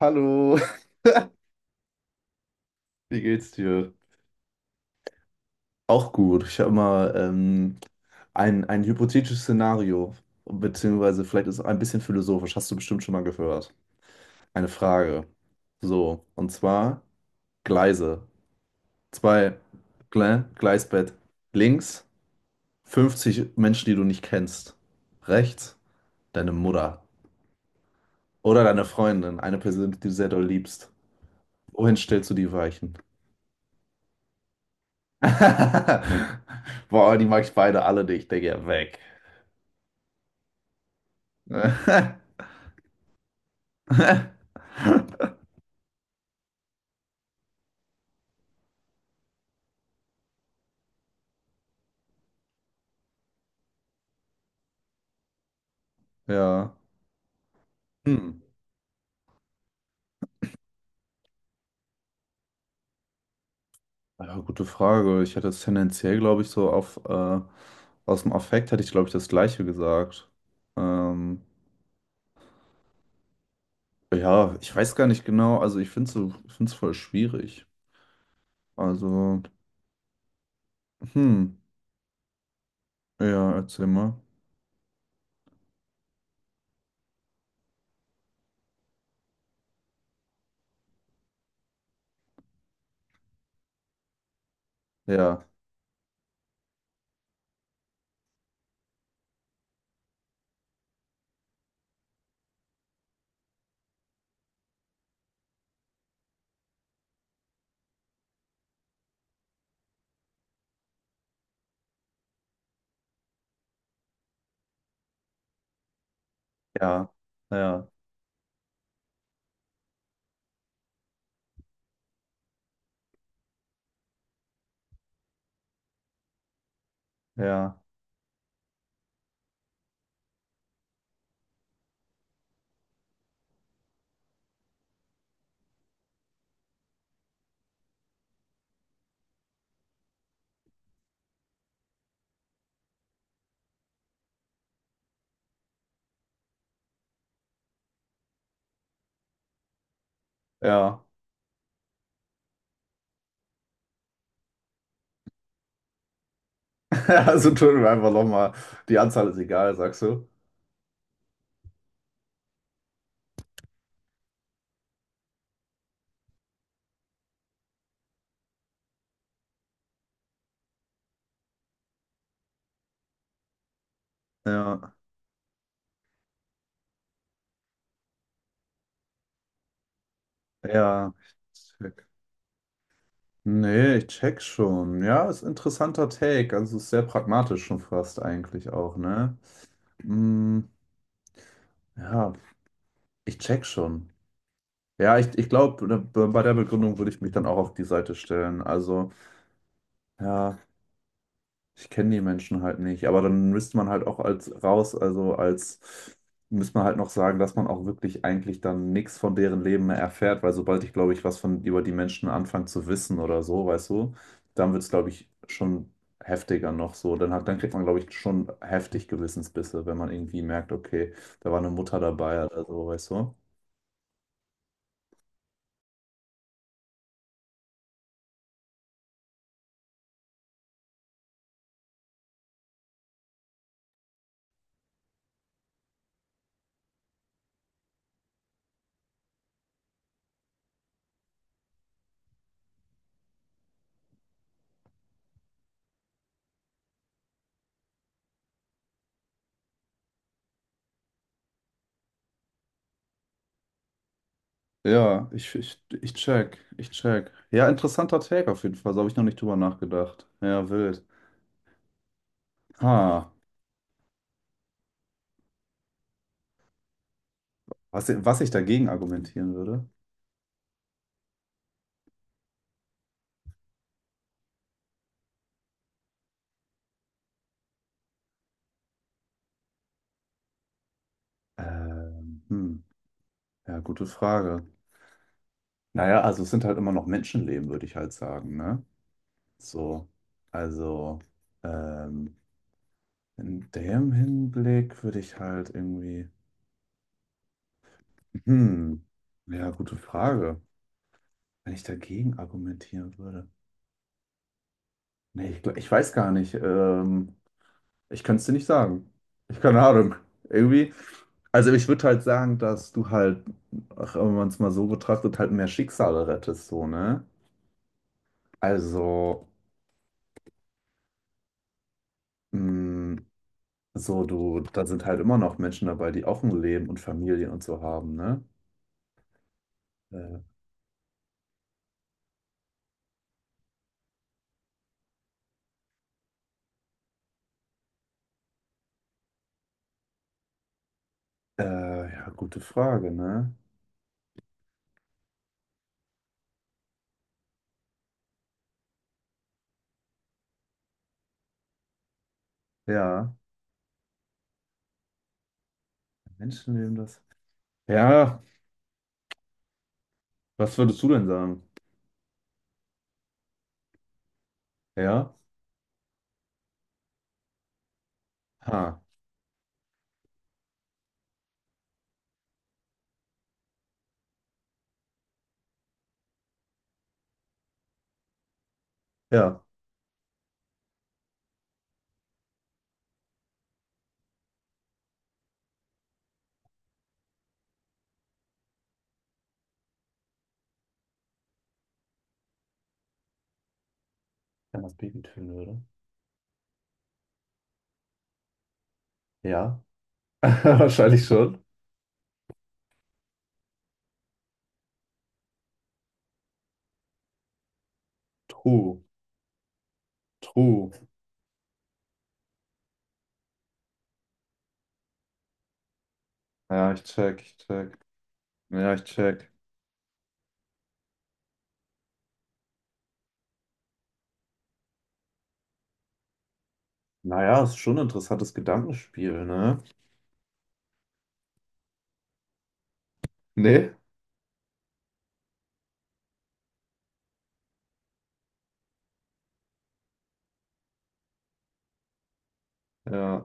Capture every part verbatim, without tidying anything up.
Hallo, wie geht's dir? Auch gut. Ich habe mal ähm, ein, ein hypothetisches Szenario, beziehungsweise vielleicht ist es ein bisschen philosophisch, hast du bestimmt schon mal gehört. Eine Frage. So, und zwar Gleise. Zwei Gle Gleisbett. Links fünfzig Menschen, die du nicht kennst. Rechts deine Mutter oder deine Freundin, eine Person, die du sehr doll liebst. Wohin stellst du die Weichen? Boah, die mag ich beide alle nicht. Ich denke, ja, weg. Ja. Hm. Ja, gute Frage. Ich hätte es tendenziell, glaube ich, so auf äh, aus dem Affekt hätte ich, glaube ich, das Gleiche gesagt. Ähm, ja, ich weiß gar nicht genau. Also ich finde es so, finde es voll schwierig. Also, hm. Ja, erzähl mal. Ja, ja, ja, ja, ja. Also tun wir einfach nochmal. Die Anzahl ist egal, sagst du? Ja, ja. Nee, ich check schon. Ja, ist ein interessanter Take. Also ist sehr pragmatisch schon fast eigentlich auch, ne? Mm, ja, ich check schon. Ja, ich, ich glaube, bei der Begründung würde ich mich dann auch auf die Seite stellen. Also, ja. Ich kenne die Menschen halt nicht, aber dann müsste man halt auch als raus, also als müsste man halt noch sagen, dass man auch wirklich eigentlich dann nichts von deren Leben mehr erfährt, weil sobald ich, glaube ich, was von über die Menschen anfange zu wissen oder so, weißt du, dann wird es, glaube ich, schon heftiger noch so. Dann hat, dann kriegt man, glaube ich, schon heftig Gewissensbisse, wenn man irgendwie merkt, okay, da war eine Mutter dabei oder so, weißt du? Ja, ich, ich, ich check, ich check. Ja, interessanter Take auf jeden Fall, so habe ich noch nicht drüber nachgedacht. Ja, wild. Ha. Was, was ich dagegen argumentieren würde? Ähm, hm, ja, gute Frage. Naja, also es sind halt immer noch Menschenleben, würde ich halt sagen, ne? So, also ähm, in dem Hinblick würde ich halt irgendwie, hm, ja, gute Frage. Wenn ich dagegen argumentieren würde. Nee, ich, gl- ich weiß gar nicht. Ähm, Ich kann es dir nicht sagen. Ich keine Ahnung. Irgendwie. Also ich würde halt sagen, dass du halt, ach, wenn man es mal so betrachtet, halt mehr Schicksale rettest, so, ne? Also, mh, so du, da sind halt immer noch Menschen dabei, die auch ein Leben und Familien und so haben, ne? Äh, äh, ja, gute Frage, ne? Ja, Menschenleben das. Ja, was würdest du denn sagen? Ja? Ha, ja. Wenn das Baby töten würde. Ja, wahrscheinlich schon. True, true. Ja, ich check, ich check. Ja, ich check. Naja, ist schon ein interessantes Gedankenspiel, ne? Nee? Ja.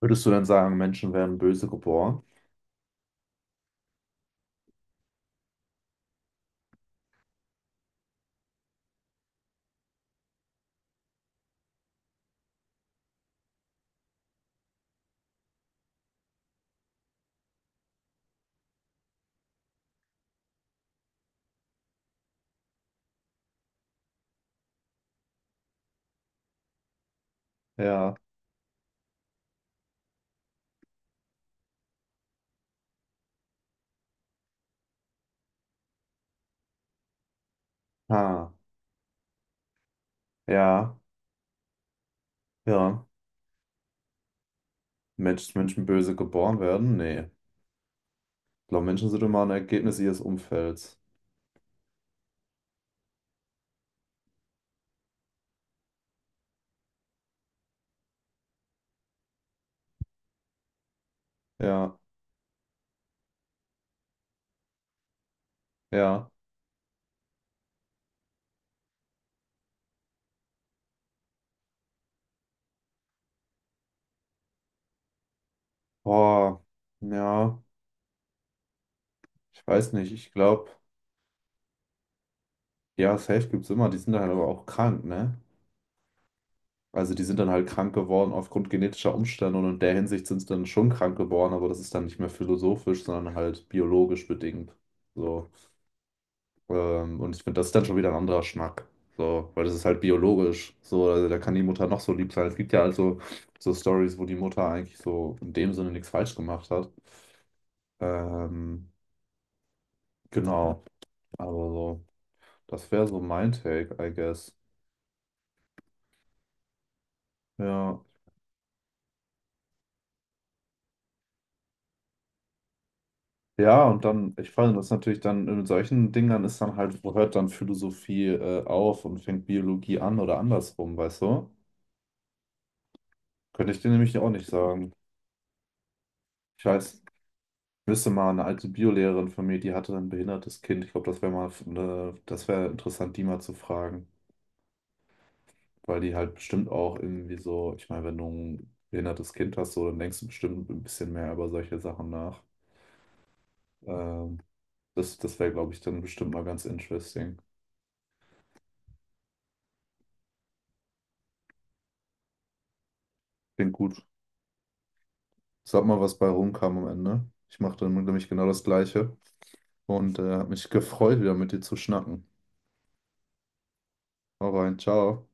Würdest du denn sagen, Menschen werden böse geboren? Ja. Ha. Ja. Ja. Mensch, Menschen böse geboren werden? Nee. Ich glaube, Menschen sind immer ein Ergebnis ihres Umfelds. Ja. Ja. Boah. Ja. Ich weiß nicht. Ich glaube, ja, safe gibt's immer. Die sind dann halt aber auch krank, ne? Also die sind dann halt krank geworden aufgrund genetischer Umstände und in der Hinsicht sind sie dann schon krank geworden, aber das ist dann nicht mehr philosophisch, sondern halt biologisch bedingt. So. Ähm, und ich finde, das ist dann schon wieder ein anderer Schnack. So, weil das ist halt biologisch. So, also da kann die Mutter noch so lieb sein. Es gibt ja also so Stories, wo die Mutter eigentlich so in dem Sinne nichts falsch gemacht hat. Ähm, genau. Aber so, das wäre so mein Take, I guess. Ja. Ja, und dann, ich fand das natürlich dann mit solchen Dingern ist dann halt, wo hört dann Philosophie äh, auf und fängt Biologie an oder andersrum, weißt du? Könnte ich dir nämlich auch nicht sagen. Ich weiß, wüsste mal, eine alte Biolehrerin von mir, die hatte ein behindertes Kind. Ich glaube, das wäre mal, eine, das wäre interessant, die mal zu fragen, weil die halt bestimmt auch irgendwie so, ich meine, wenn du ein behindertes Kind hast, so, dann denkst du bestimmt ein bisschen mehr über solche Sachen nach. Ähm, das das wäre, glaube ich, dann bestimmt mal ganz interesting. Klingt gut. Sag mal, was bei rumkam am Ende. Ich machte nämlich genau das Gleiche und äh, hat mich gefreut, wieder mit dir zu schnacken. Hau rein, ciao.